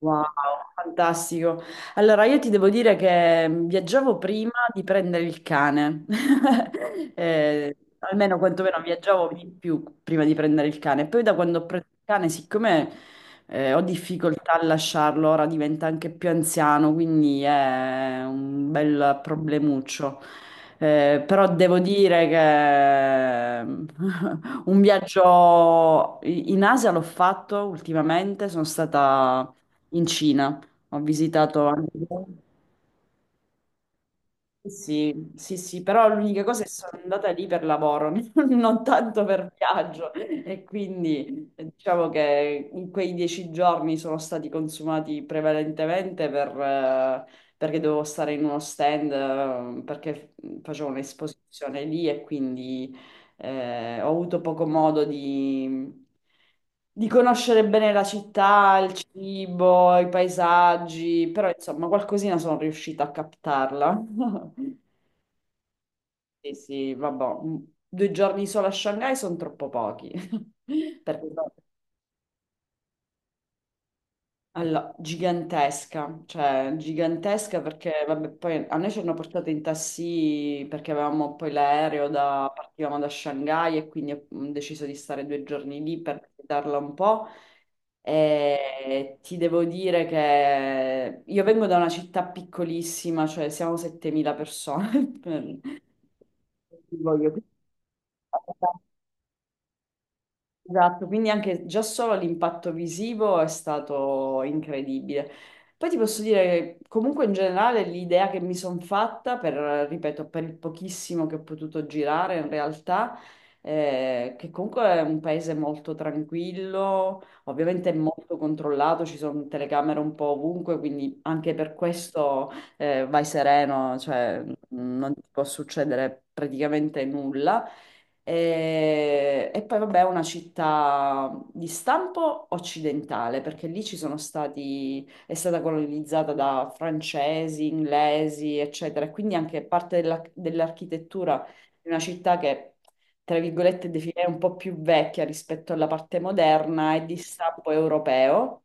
Wow, fantastico. Allora, io ti devo dire che viaggiavo prima di prendere il cane. Almeno Quantomeno viaggiavo di più prima di prendere il cane. Poi da quando ho preso il cane, siccome ho difficoltà a lasciarlo, ora diventa anche più anziano, quindi è un bel problemuccio. Però devo dire che un viaggio in Asia l'ho fatto ultimamente, sono stata in Cina. Ho visitato anche. Sì, sì, sì, però l'unica cosa è che sono andata lì per lavoro, non tanto per viaggio. E quindi diciamo che in quei 10 giorni sono stati consumati prevalentemente perché dovevo stare in uno stand, perché facevo un'esposizione lì e quindi ho avuto poco modo di conoscere bene la città, il cibo, i paesaggi, però insomma qualcosina sono riuscita a captarla. Sì, sì, vabbè, 2 giorni solo a Shanghai sono troppo pochi. Perché no? Allora, gigantesca, cioè gigantesca perché vabbè, poi a noi ci hanno portato in taxi perché avevamo poi l'aereo da, partivamo da Shanghai e quindi ho deciso di stare 2 giorni lì per visitarla un po'. E ti devo dire che io vengo da una città piccolissima, cioè siamo 7.000 persone. per- Voglio Esatto, quindi anche già solo l'impatto visivo è stato incredibile. Poi ti posso dire che comunque in generale l'idea che mi sono fatta per, ripeto, per il pochissimo che ho potuto girare in realtà, che comunque è un paese molto tranquillo, ovviamente è molto controllato, ci sono telecamere un po' ovunque, quindi anche per questo vai sereno, cioè non ti può succedere praticamente nulla. E poi vabbè è una città di stampo occidentale, perché lì ci sono stati, è stata colonizzata da francesi, inglesi, eccetera, e quindi anche parte dell'architettura di una città che, tra virgolette, definirei un po' più vecchia rispetto alla parte moderna è di stampo europeo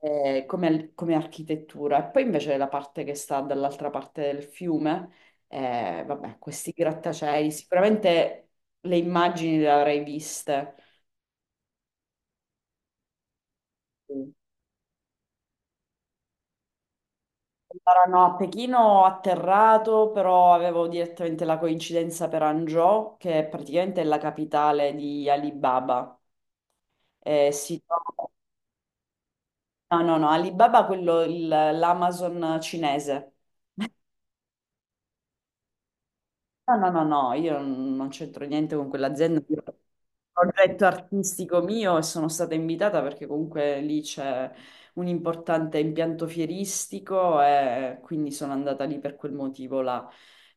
come architettura. E poi invece la parte che sta dall'altra parte del fiume, vabbè, questi grattacieli, sicuramente le immagini le avrei viste. Sì. Erano a Pechino ho atterrato, però avevo direttamente la coincidenza per Hangzhou, che è praticamente la capitale di Alibaba. Eh, si trova- No, no, no, Alibaba, quello, l'Amazon cinese. No, no, no, no, io non c'entro niente con quell'azienda. Progetto artistico mio e sono stata invitata perché comunque lì c'è un importante impianto fieristico e quindi sono andata lì per quel motivo là.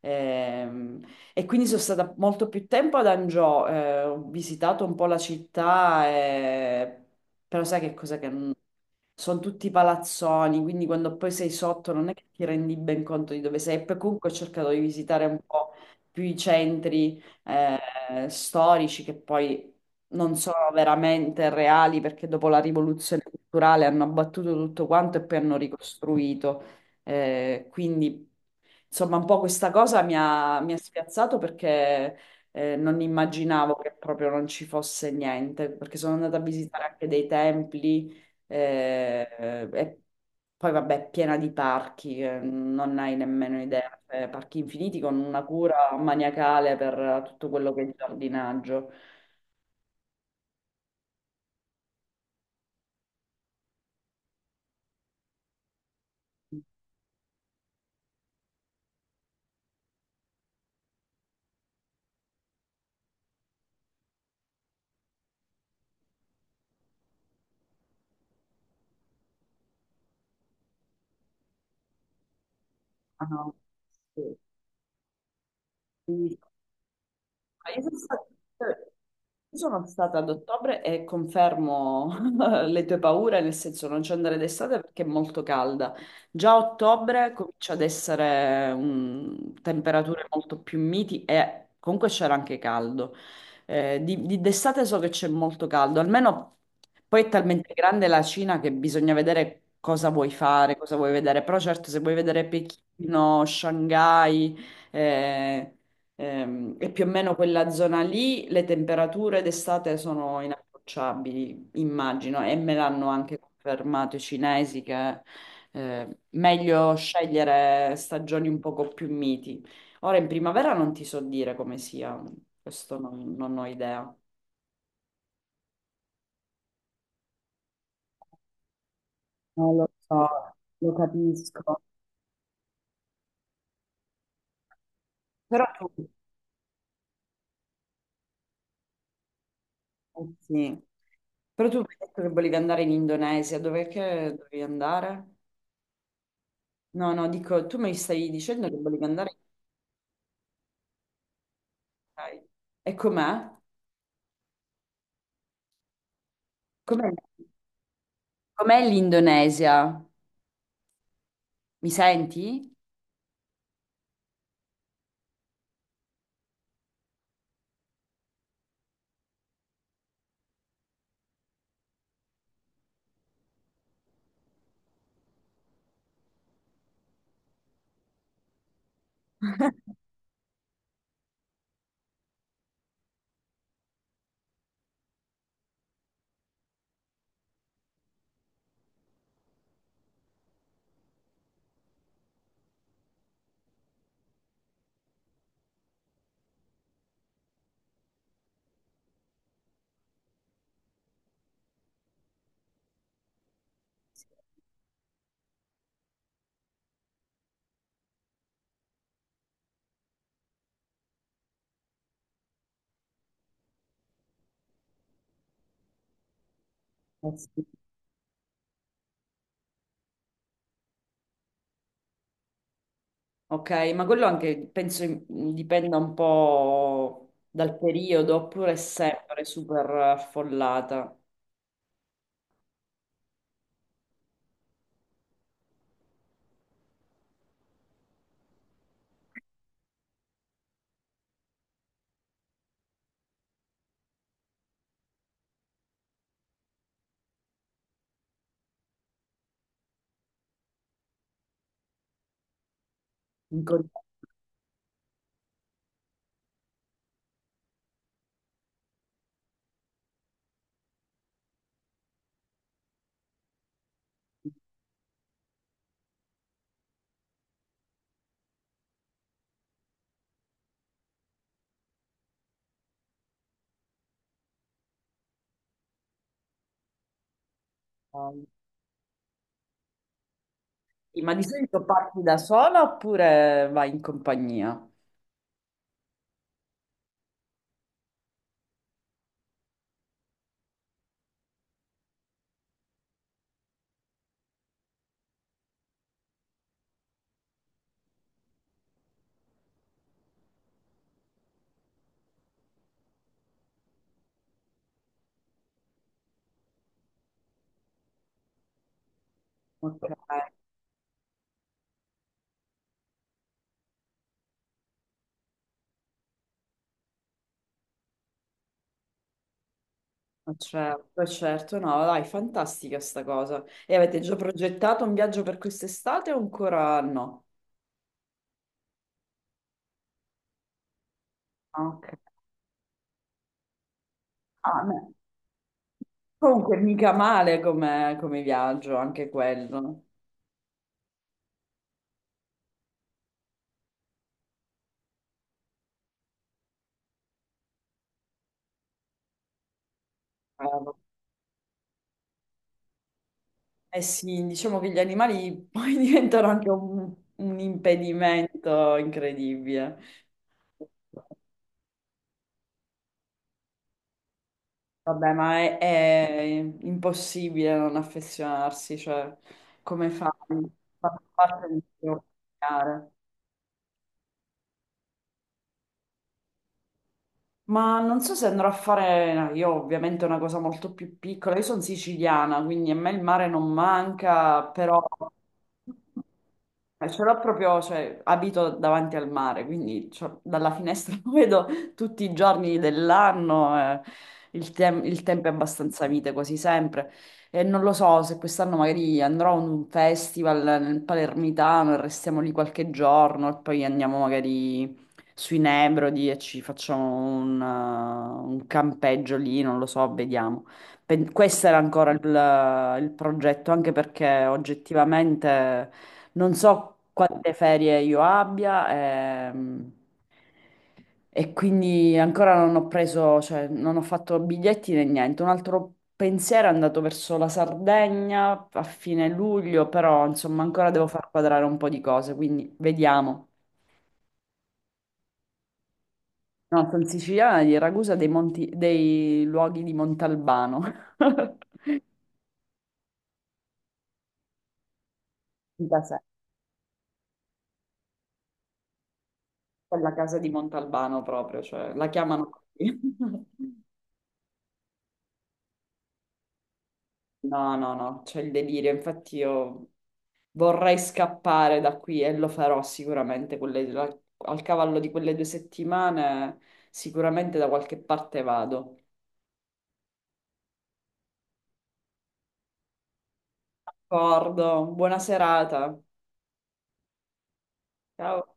Ehm, quindi sono stata molto più tempo ad Angio, ho visitato un po' la città, però sai che cosa che, non sono tutti palazzoni, quindi quando poi sei sotto non è che ti rendi ben conto di dove sei. E poi comunque ho cercato di visitare un po' più i centri storici che poi non sono veramente reali perché dopo la rivoluzione culturale hanno abbattuto tutto quanto e poi hanno ricostruito. Eh, quindi Insomma, un po' questa cosa mi ha spiazzato perché non immaginavo che proprio non ci fosse niente, perché sono andata a visitare anche dei templi e poi vabbè, è piena di parchi, non hai nemmeno idea, parchi infiniti con una cura maniacale per tutto quello che è il giardinaggio. Ah, no. Sì, sì. Ma Io sono stata eh, io sono stata ad ottobre e confermo le tue paure, nel senso non ci andare d'estate perché è molto calda. Già a ottobre comincia ad essere temperature molto più miti e comunque c'era anche caldo. D'estate so che c'è molto caldo, almeno poi è talmente grande la Cina che bisogna vedere cosa vuoi fare, cosa vuoi vedere. Però certo se vuoi vedere Pechino, Shanghai... eh, e più o meno quella zona lì, le temperature d'estate sono inapprocciabili, immagino, e me l'hanno anche confermato i cinesi che meglio scegliere stagioni un poco più miti. Ora in primavera non ti so dire come sia, questo non ho idea. Non lo so, lo capisco. Però tu, eh sì. Però tu mi hai detto che volevi andare in Indonesia, dov'è che dovevi andare? No, no, dico, tu mi stai dicendo che volevi andare. Ok. E com'è? Com'è com'è l'Indonesia? Mi senti? Eh sì. Ok, ma quello anche penso dipenda un po' dal periodo, oppure è sempre super affollata. In compagnia. Sì, ma di solito parti da sola oppure vai in compagnia? Ok, ma certo, certo, no, dai, fantastica sta cosa. E avete già progettato un viaggio per quest'estate o ancora no? Ah, ok. Ah, no. Comunque, mica male come, come viaggio, anche quello. Eh eh sì, diciamo che gli animali poi diventano anche un impedimento incredibile. Vabbè, ma è impossibile non affezionarsi, cioè, come fai? Fa parte di familiare. Ma non so se andrò a fare, no, io ovviamente una cosa molto più piccola, io sono siciliana, quindi a me il mare non manca, però ce l'ho proprio, cioè abito davanti al mare, quindi cioè, dalla finestra lo vedo tutti i giorni dell'anno, il tempo è abbastanza mite quasi sempre e non lo so se quest'anno magari andrò a un festival nel Palermitano e restiamo lì qualche giorno e poi andiamo magari sui Nebrodi e ci facciamo un campeggio lì, non lo so, vediamo. Questo era ancora il progetto, anche perché oggettivamente non so quante ferie io abbia, e quindi ancora non ho preso, cioè non ho fatto biglietti né niente. Un altro pensiero è andato verso la Sardegna a fine luglio, però insomma ancora devo far quadrare un po' di cose, quindi vediamo. No, sono siciliana di Ragusa dei, dei luoghi di Montalbano. Da sé, quella casa di Montalbano proprio, cioè la chiamano così. No, no, no, c'è il delirio. Infatti io vorrei scappare da qui e lo farò sicuramente al cavallo di quelle 2 settimane, sicuramente da qualche parte vado. D'accordo, buona serata. Ciao.